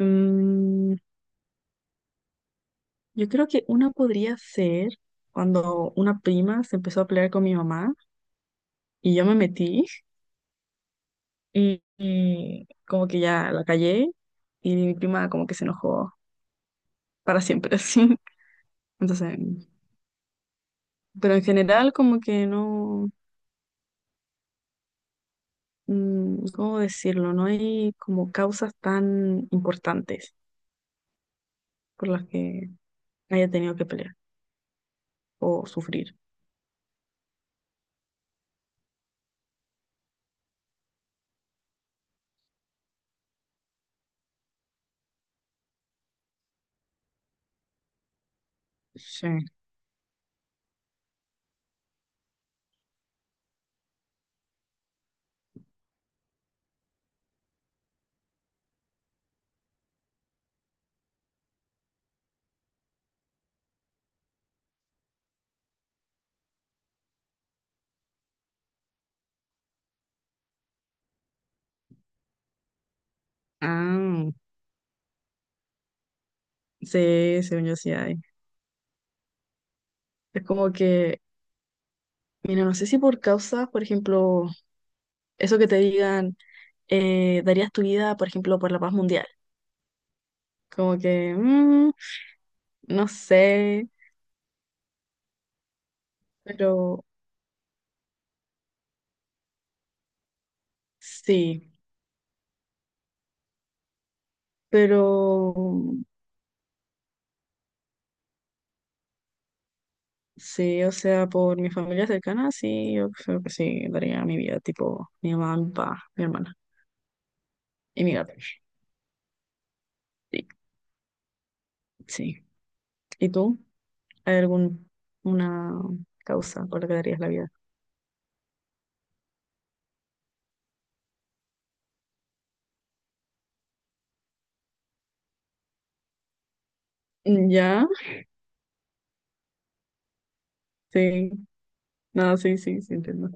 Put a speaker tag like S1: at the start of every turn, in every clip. S1: Mm, yo creo que una podría ser cuando una prima se empezó a pelear con mi mamá y yo me metí y como que ya la callé y mi prima como que se enojó para siempre así. Entonces, pero en general como que no, mm, ¿cómo decirlo? No hay como causas tan importantes por las que haya tenido que pelear o sufrir. Sí. Ah, sí, según yo sí hay. Es como que mira, no sé si por causas, por ejemplo, eso que te digan, darías tu vida, por ejemplo, por la paz mundial. Como que, mm, no sé, pero sí, pero sí, o sea, por mi familia cercana, sí, yo creo que sí, daría mi vida, tipo mi mamá, mi papá, mi hermana y mi gato. Sí, sí. ¿Y tú? ¿Hay alguna causa por la que darías la vida? ¿Ya? Sí, no, sí, sí, sí, entiendo.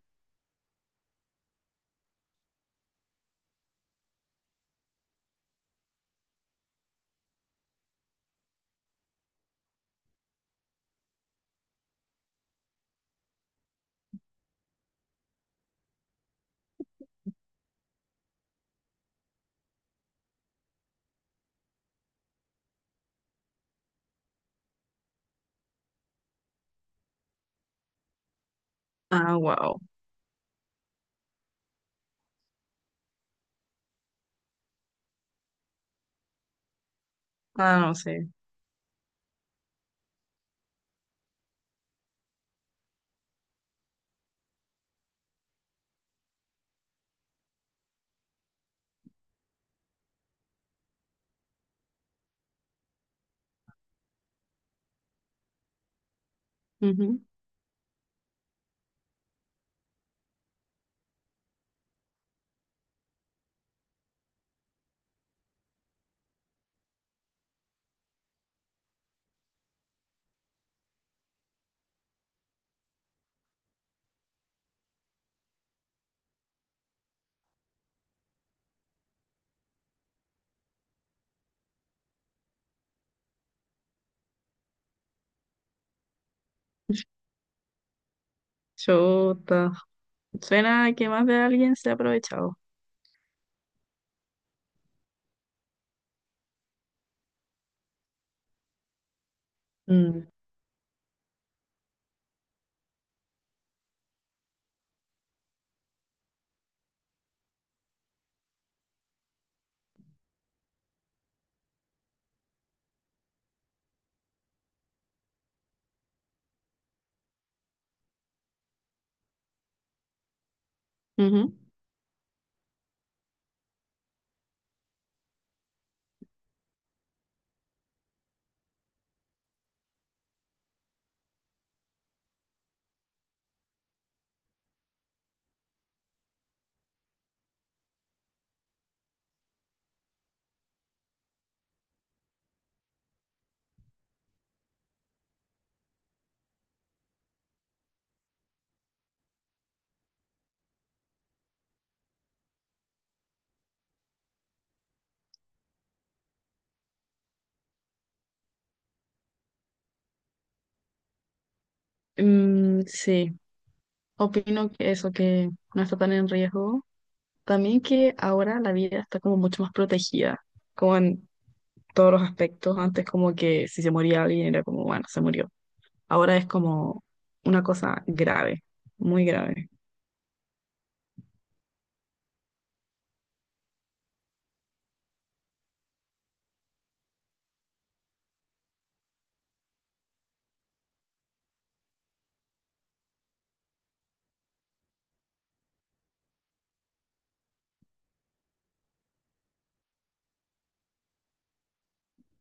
S1: Ah, wow. Ah, no sé. Ujú. Chuta. Suena que más de alguien se ha aprovechado. Mm. Ujú. Mm, sí, opino que eso, que no está tan en riesgo. También que ahora la vida está como mucho más protegida, como en todos los aspectos. Antes como que si se moría alguien era como, bueno, se murió. Ahora es como una cosa grave, muy grave.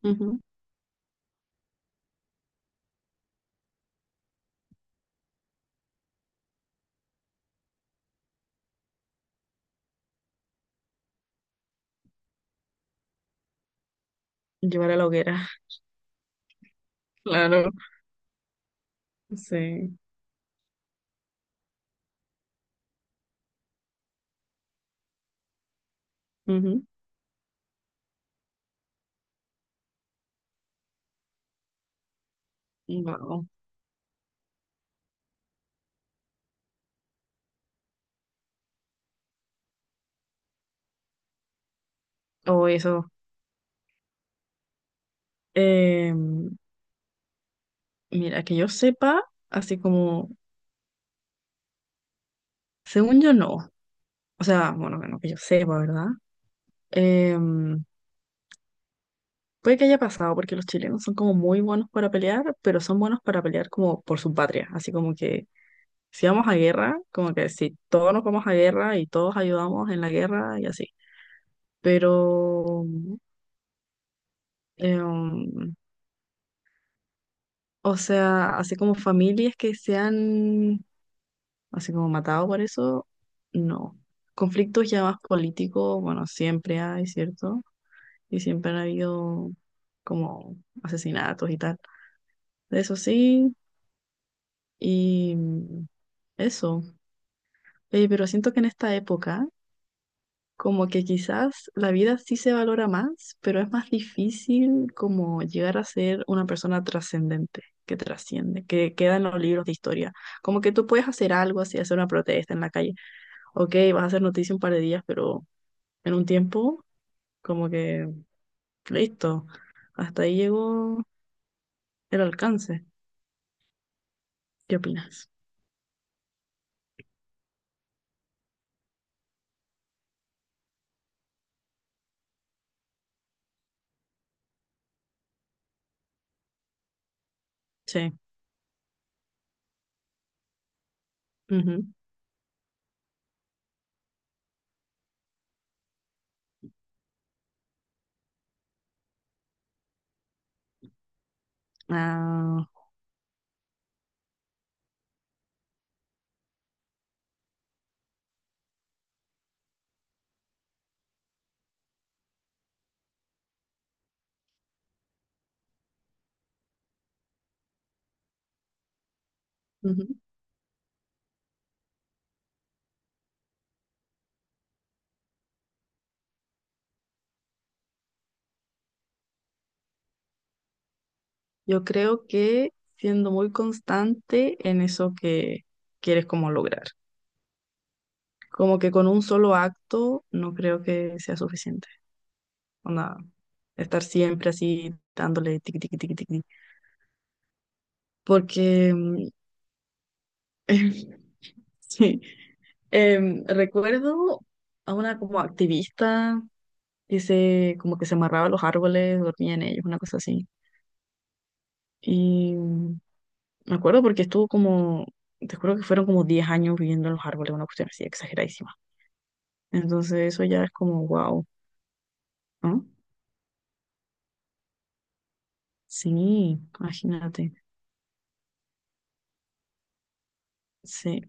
S1: Ujú. Llevar a la hoguera, claro. Sí. Ujú. Wow. O eso. Em, Mira, que yo sepa, así como, según yo no. O sea, bueno, bueno, que yo sepa, ¿verdad? Em, puede que haya pasado porque los chilenos son como muy buenos para pelear, pero son buenos para pelear como por su patria. Así como que si vamos a guerra, como que si todos nos vamos a guerra y todos ayudamos en la guerra y así. Pero, em, o sea, así como familias que se han, así como matado por eso, no. Conflictos ya más políticos, bueno, siempre hay, ¿cierto? Y siempre han habido como asesinatos y tal. Eso sí, y eso. Pero siento que en esta época, como que quizás la vida sí se valora más, pero es más difícil como llegar a ser una persona trascendente, que trasciende, que queda en los libros de historia. Como que tú puedes hacer algo así, hacer una protesta en la calle. Ok, vas a hacer noticia un par de días, pero en un tiempo, como que listo, hasta ahí llegó el alcance. ¿Qué opinas? Sí. Ujú. Ah, ujú. Yo creo que siendo muy constante en eso que quieres como lograr. Como que con un solo acto no creo que sea suficiente. Onda, estar siempre así dándole tiqui, tiqui, tiqui, tiqui. Porque, mm, sí. Recuerdo a una como activista que se, como que se amarraba a los árboles, dormía en ellos, una cosa así. Y me acuerdo porque estuvo como, te juro que fueron como 10 años viviendo en los árboles, una cuestión así exageradísima. Entonces eso ya es como, wow, ¿no? Sí, imagínate. Sí.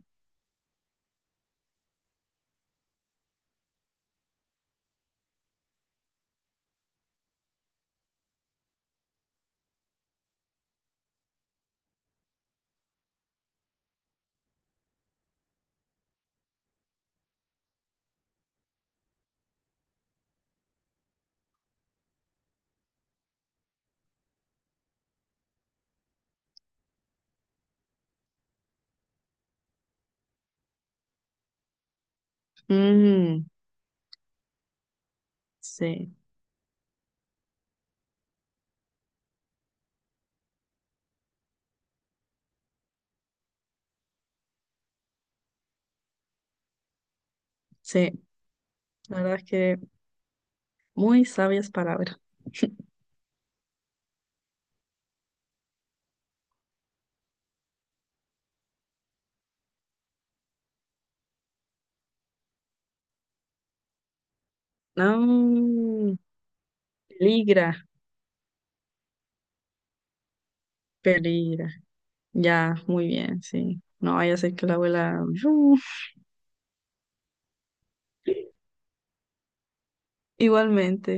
S1: Mm, sí, sí. La verdad es que muy sabias palabras. No, peligra, peligra. Ya, muy bien, sí. No vaya a ser que la abuela... Igualmente.